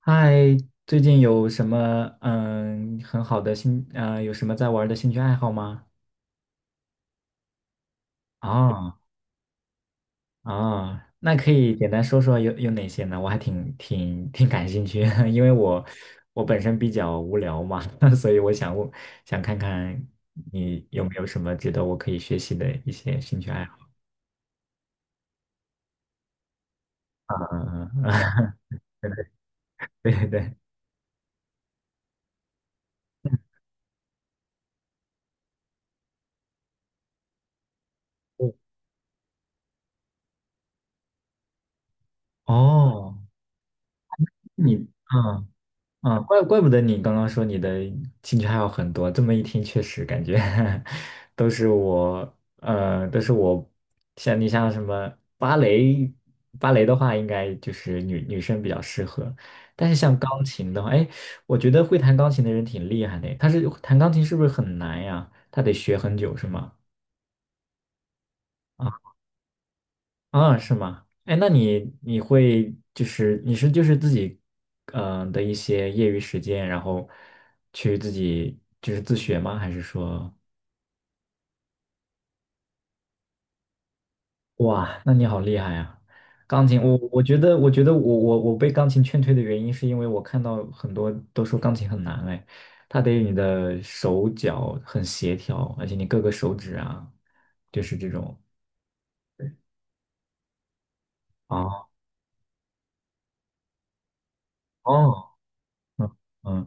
嗨，最近有什么很好的有什么在玩的兴趣爱好吗？啊啊，那可以简单说说有哪些呢？我还挺感兴趣，因为我本身比较无聊嘛，所以我想看看你有没有什么值得我可以学习的一些兴趣爱好？嗯嗯嗯，对对对，哦，你嗯。啊，怪不得你刚刚说你的兴趣爱好很多，这么一听确实感觉 都是我，像什么芭蕾，芭蕾的话应该就是女生比较适合，但是像钢琴的话，哎，我觉得会弹钢琴的人挺厉害的，弹钢琴是不是很难呀？他得学很久是吗？啊？啊，是吗？哎，那你会就是自己的一些业余时间，然后去自己就是自学吗？还是说，哇，那你好厉害啊！钢琴，我觉得我被钢琴劝退的原因是因为我看到很多都说钢琴很难，哎，它得你的手脚很协调，而且你各个手指啊，就是这种啊哦嗯嗯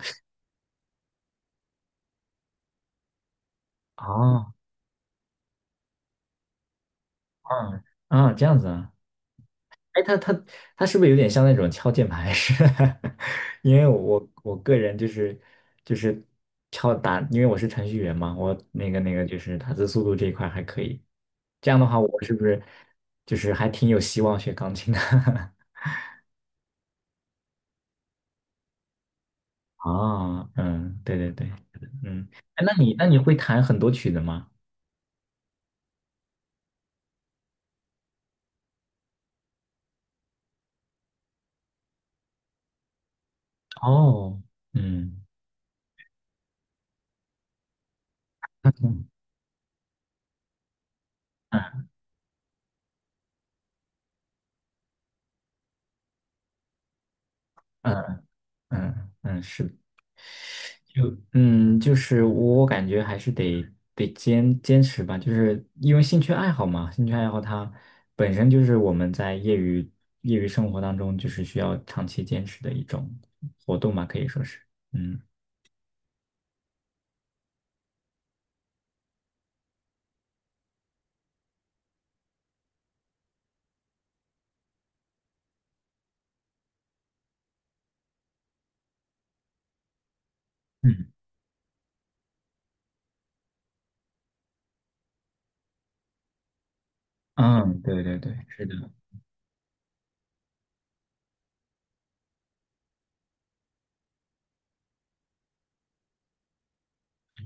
啊嗯这样子啊。哎，他是不是有点像那种敲键盘式？因为我个人就是敲打，因为我是程序员嘛，我那个就是打字速度这一块还可以。这样的话，我是不是就是还挺有希望学钢琴的？啊，嗯，对对对，嗯，哎，那你会弹很多曲子吗？哦，嗯嗯嗯嗯嗯，是的。就就是我感觉还是得坚持吧，就是因为兴趣爱好嘛，兴趣爱好它本身就是我们在业余生活当中就是需要长期坚持的一种活动嘛，可以说是，嗯嗯，嗯，对对对，是的，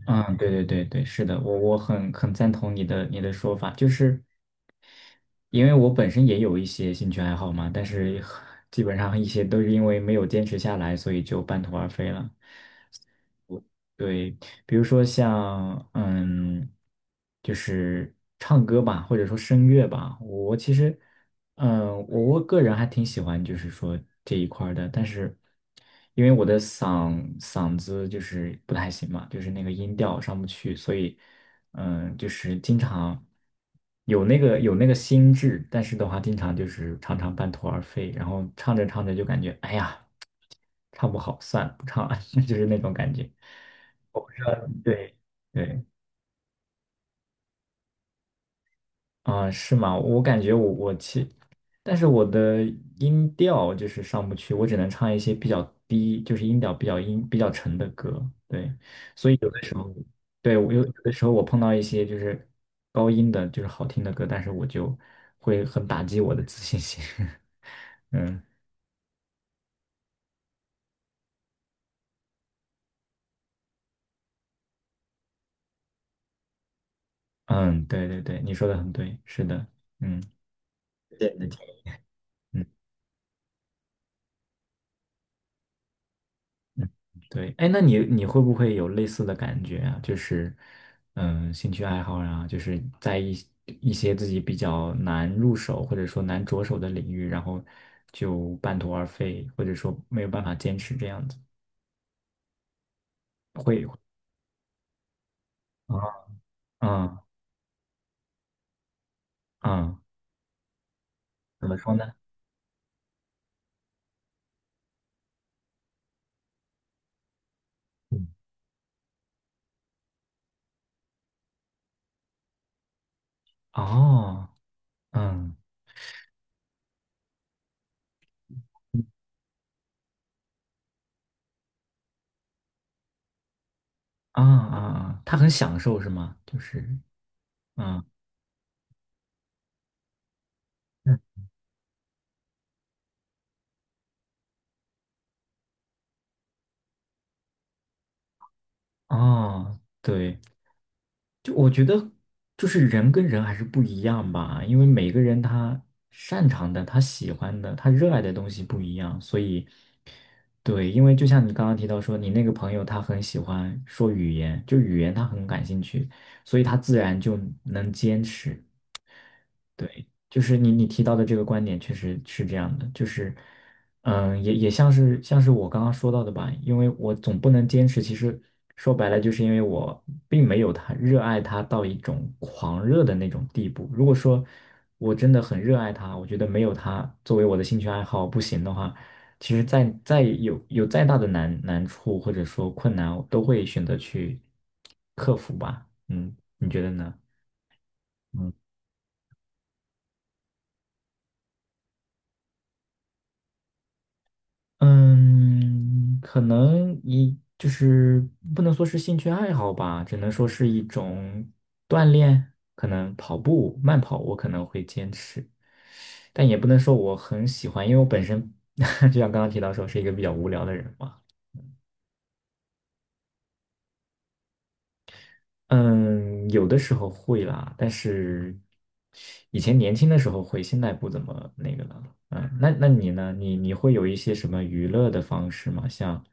嗯，对对对对，是的，我很赞同你的说法，就是因为我本身也有一些兴趣爱好嘛，但是 基本上一些都是因为没有坚持下来，所以就半途而废了。对，比如说像就是唱歌吧，或者说声乐吧，我其实我个人还挺喜欢，就是说这一块儿的，但是因为我的嗓子就是不太行嘛，就是那个音调上不去，所以就是经常有那个心智，但是的话，经常就是常常半途而废，然后唱着唱着就感觉哎呀，唱不好，算了，不唱了，就是那种感觉。对对，啊、是吗？我感觉我我其，但是我的音调就是上不去，我只能唱一些比较低，就是音调比较沉的歌。对，所以有的时候，对，我有的时候我碰到一些就是高音的，就是好听的歌，但是我就会很打击我的自信心。嗯嗯，对对对，你说的很对，是的，嗯谢谢你的建议嗯。嗯，对，哎，那你会不会有类似的感觉啊？就是，兴趣爱好啊，就是在一些自己比较难入手或者说难着手的领域，然后就半途而废，或者说没有办法坚持这样子。啊，嗯嗯，怎么说呢？嗯，哦，嗯啊啊啊，他很享受是吗？就是，嗯嗯哦，对。就我觉得，就是人跟人还是不一样吧，因为每个人他擅长的、他喜欢的、他热爱的东西不一样，所以，对，因为就像你刚刚提到说，你那个朋友他很喜欢说语言，就语言他很感兴趣，所以他自然就能坚持。对，就是你提到的这个观点确实是这样的，就是，也像是我刚刚说到的吧，因为我总不能坚持，其实说白了就是因为我并没有他热爱他到一种狂热的那种地步。如果说我真的很热爱他，我觉得没有他作为我的兴趣爱好不行的话，其实再有再大的难处或者说困难，我都会选择去克服吧。嗯，你觉得呢？嗯。嗯，可能就是不能说是兴趣爱好吧，只能说是一种锻炼。可能跑步、慢跑我可能会坚持，但也不能说我很喜欢，因为我本身 就像刚刚提到说是一个比较无聊的人嘛。嗯，有的时候会啦，但是以前年轻的时候会，现在不怎么那个了。嗯，那你呢？你会有一些什么娱乐的方式吗？像，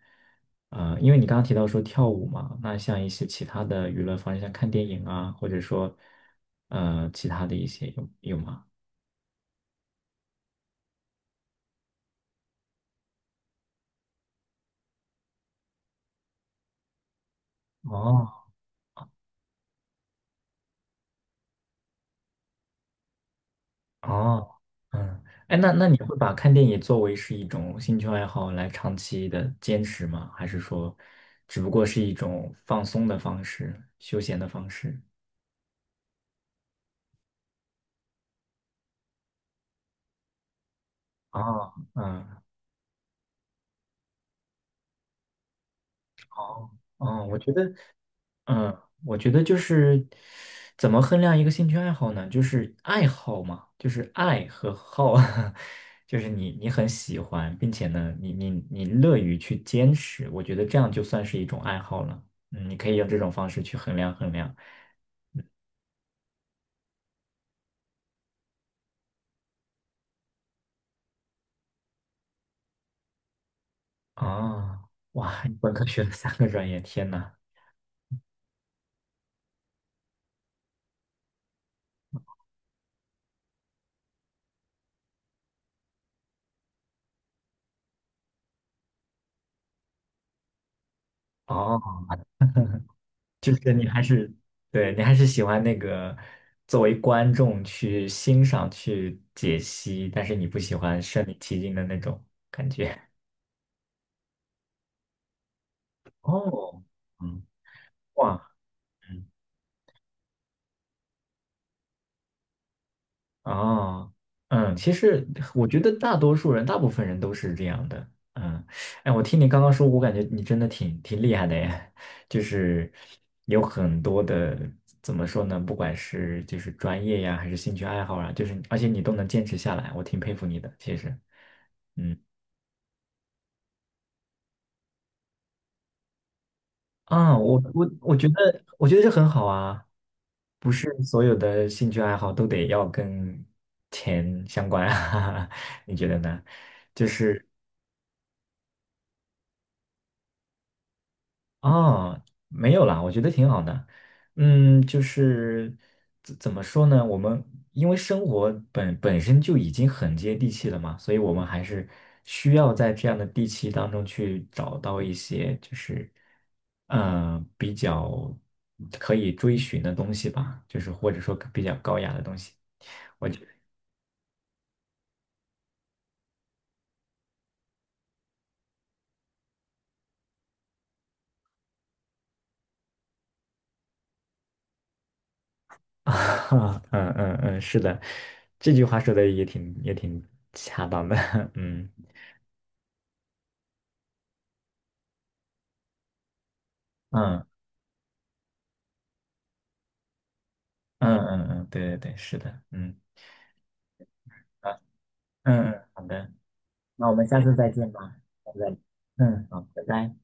因为你刚刚提到说跳舞嘛，那像一些其他的娱乐方式，像看电影啊，或者说，其他的一些有吗？哦。哦，嗯，哎，那你会把看电影作为是一种兴趣爱好来长期的坚持吗？还是说，只不过是一种放松的方式、休闲的方式？啊，嗯，好，哦，我觉得。嗯，我觉得就是怎么衡量一个兴趣爱好呢？就是爱好嘛，就是爱和好，就是你很喜欢，并且呢，你乐于去坚持，我觉得这样就算是一种爱好了。你可以用这种方式去衡量衡量。啊，哇，你本科学了三个专业，天呐！哦就是你还是，对，你还是喜欢那个作为观众去欣赏、去解析，但是你不喜欢身临其境的那种感觉。哦，嗯，哇。哦，嗯，其实我觉得大多数人，大部分人都是这样的。嗯，哎，我听你刚刚说，我感觉你真的挺厉害的耶，就是有很多的，怎么说呢？不管是就是专业呀，还是兴趣爱好啊，就是而且你都能坚持下来，我挺佩服你的。其实，嗯，啊，我觉得这很好啊，不是所有的兴趣爱好都得要跟钱相关啊，你觉得呢？就是。哦，没有啦，我觉得挺好的。嗯，就是怎么说呢？我们因为生活本身就已经很接地气了嘛，所以我们还是需要在这样的地气当中去找到一些就是比较可以追寻的东西吧，就是或者说比较高雅的东西。我觉得 啊，嗯嗯嗯，是的，这句话说的也挺恰当的，嗯。嗯嗯嗯嗯，对对对，是的，嗯啊，嗯嗯，好的，那我们下次再见吧，拜拜。嗯，好，拜拜。